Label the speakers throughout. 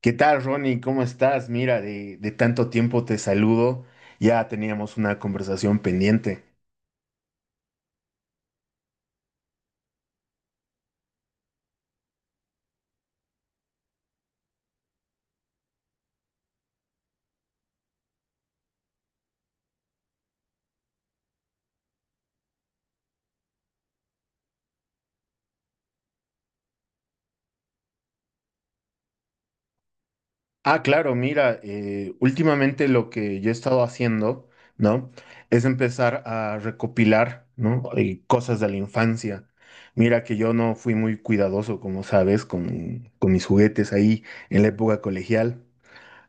Speaker 1: ¿Qué tal, Ronnie? ¿Cómo estás? Mira, de tanto tiempo te saludo. Ya teníamos una conversación pendiente. Ah, claro, mira, últimamente lo que yo he estado haciendo, ¿no? Es empezar a recopilar, ¿no? Cosas de la infancia. Mira que yo no fui muy cuidadoso, como sabes, con mis juguetes ahí en la época colegial.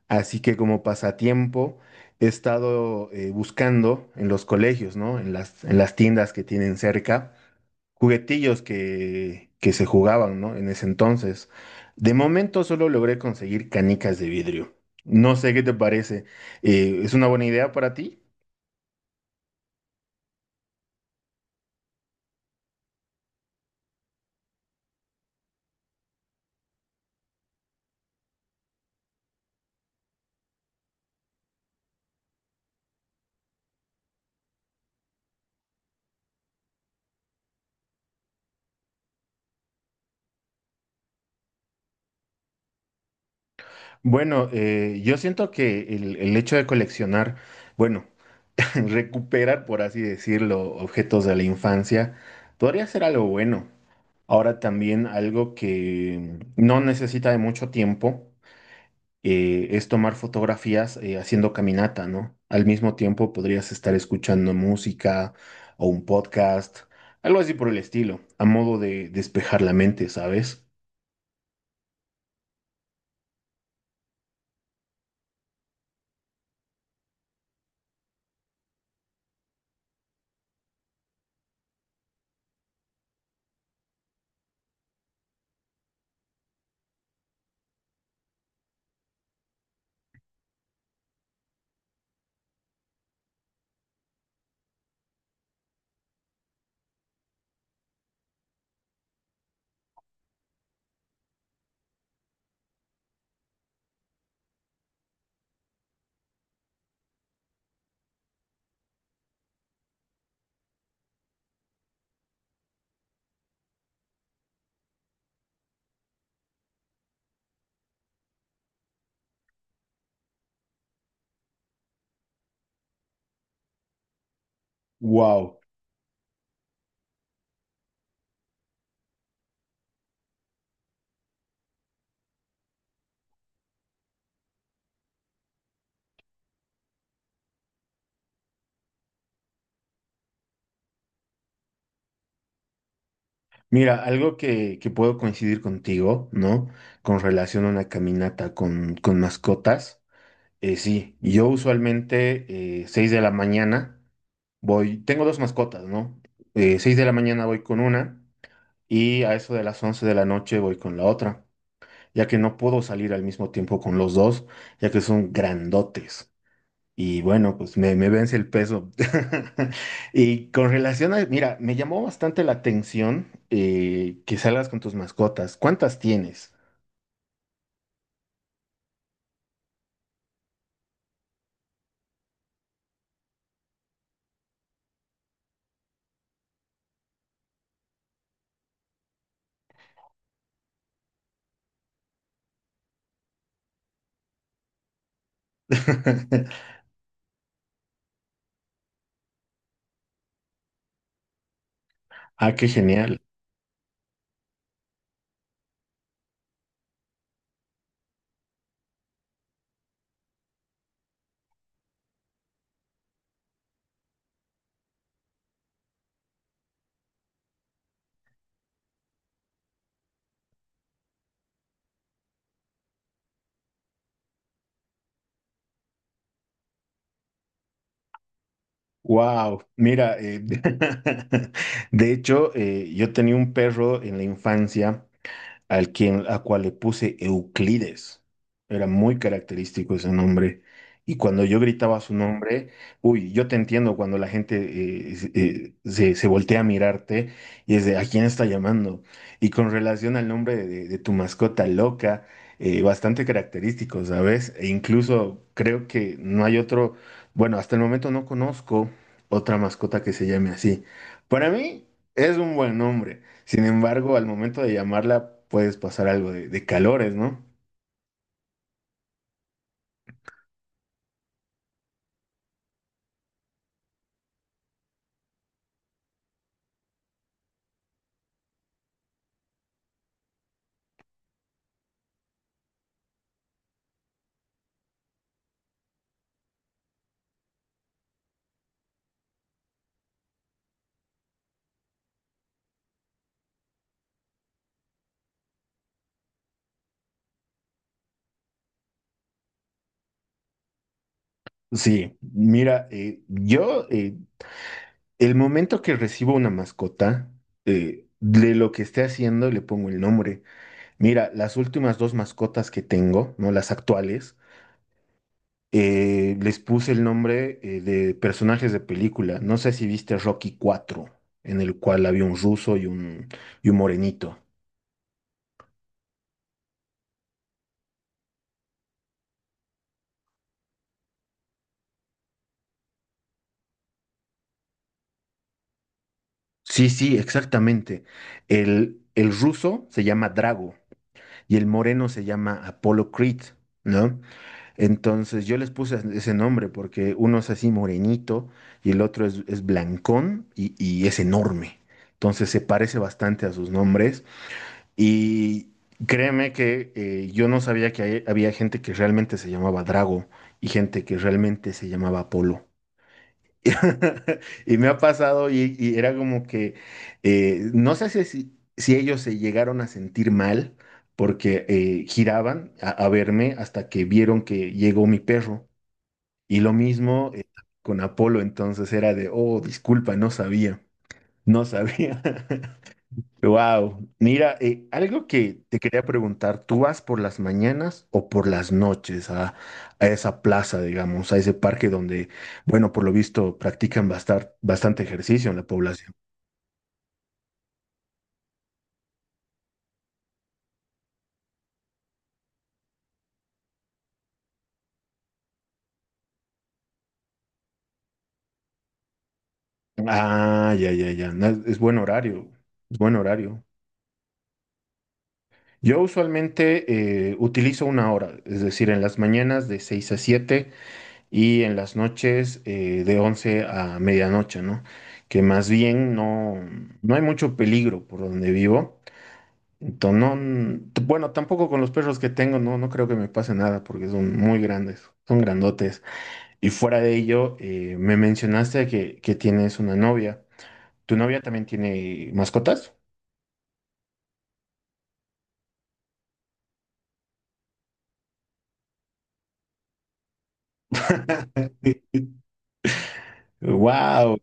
Speaker 1: Así que como pasatiempo he estado buscando en los colegios, ¿no? En las tiendas que tienen cerca juguetillos que se jugaban, ¿no? En ese entonces. De momento solo logré conseguir canicas de vidrio. No sé qué te parece. ¿Es una buena idea para ti? Bueno, yo siento que el hecho de coleccionar, bueno, recuperar, por así decirlo, objetos de la infancia, podría ser algo bueno. Ahora también algo que no necesita de mucho tiempo es tomar fotografías haciendo caminata, ¿no? Al mismo tiempo podrías estar escuchando música o un podcast, algo así por el estilo, a modo de despejar la mente, ¿sabes? Wow. Mira, algo que puedo coincidir contigo, ¿no? Con relación a una caminata con mascotas. Sí, yo usualmente 6 de la mañana voy, tengo dos mascotas, ¿no? 6 de la mañana voy con una y a eso de las 11 de la noche voy con la otra. Ya que no puedo salir al mismo tiempo con los dos, ya que son grandotes. Y bueno, pues me vence el peso. Y con relación a, mira, me llamó bastante la atención que salgas con tus mascotas. ¿Cuántas tienes? Ah, qué genial. Wow, mira, de hecho, yo tenía un perro en la infancia al quien, a cual le puse Euclides. Era muy característico ese nombre. Y cuando yo gritaba su nombre, uy, yo te entiendo cuando la gente se voltea a mirarte y es de, ¿a quién está llamando? Y con relación al nombre tu mascota loca, bastante característico, ¿sabes? E incluso creo que no hay otro, bueno, hasta el momento no conozco otra mascota que se llame así. Para mí es un buen nombre. Sin embargo, al momento de llamarla puedes pasar algo de calores, ¿no? Sí, mira, yo el momento que recibo una mascota, de lo que esté haciendo le pongo el nombre. Mira, las últimas dos mascotas que tengo, ¿no? Las actuales, les puse el nombre de personajes de película. No sé si viste Rocky 4, en el cual había un ruso y un morenito. Sí, sí, exactamente. El ruso se llama Drago y el moreno se llama Apollo Creed, ¿no? Entonces yo les puse ese nombre porque uno es así morenito y el otro es blancón y es enorme. Entonces se parece bastante a sus nombres y créeme que yo no sabía que había gente que realmente se llamaba Drago y gente que realmente se llamaba Apolo. Y me ha pasado y era como que, no sé si ellos se llegaron a sentir mal porque giraban a verme hasta que vieron que llegó mi perro. Y lo mismo con Apolo, entonces era de, oh, disculpa, no sabía, no sabía. Wow, mira, algo que te quería preguntar, ¿tú vas por las mañanas o por las noches a esa plaza, digamos, a ese parque donde, bueno, por lo visto practican bastante ejercicio en la población? Ah, ya, ya, ya, no, es buen horario, es buen horario. Yo usualmente utilizo una hora, es decir, en las mañanas de 6 a 7 y en las noches de 11 a medianoche, ¿no? Que más bien no, no hay mucho peligro por donde vivo. Bueno, tampoco con los perros que tengo, no, no creo que me pase nada porque son muy grandes, son grandotes. Y fuera de ello, me mencionaste que tienes una novia. ¿Tu novia también tiene mascotas? Wow,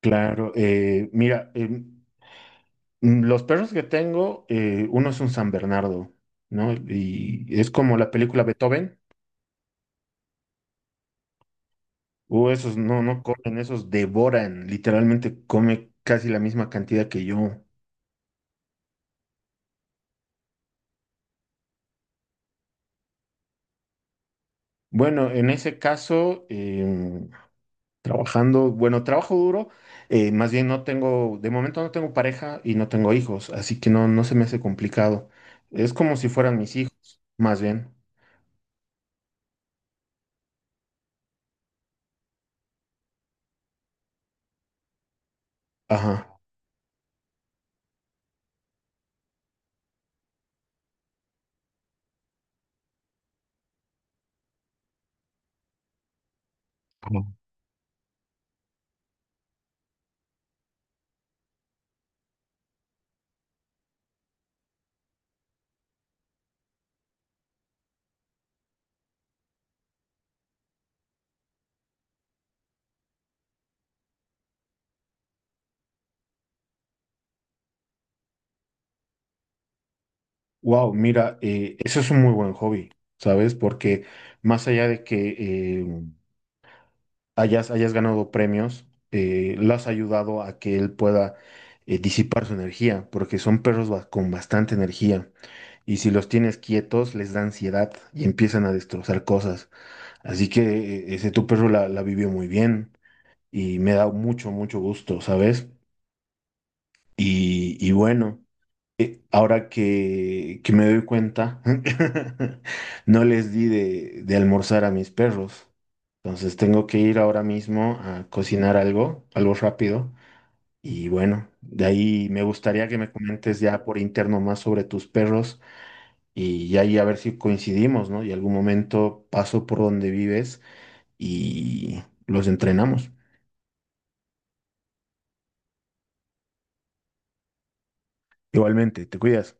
Speaker 1: claro. Mira, los perros que tengo, uno es un San Bernardo, ¿no? Y es como la película Beethoven. Esos no, no comen, esos devoran, literalmente come casi la misma cantidad que yo. Bueno, en ese caso, trabajando, bueno, trabajo duro, más bien no tengo, de momento no tengo pareja y no tengo hijos, así que no, no se me hace complicado. Es como si fueran mis hijos, más bien. Ajá. Wow, mira, eso es un muy buen hobby, ¿sabes? Porque más allá de que eh, hayas ganado premios, lo has ayudado a que él pueda disipar su energía, porque son perros con bastante energía. Y si los tienes quietos, les da ansiedad y empiezan a destrozar cosas. Así que ese tu perro la vivió muy bien y me da mucho, mucho gusto, ¿sabes? Y bueno, ahora que me doy cuenta, no les di de almorzar a mis perros. Entonces tengo que ir ahora mismo a cocinar algo, algo rápido. Y bueno, de ahí me gustaría que me comentes ya por interno más sobre tus perros y ahí a ver si coincidimos, ¿no? Y algún momento paso por donde vives y los entrenamos. Igualmente, te cuidas.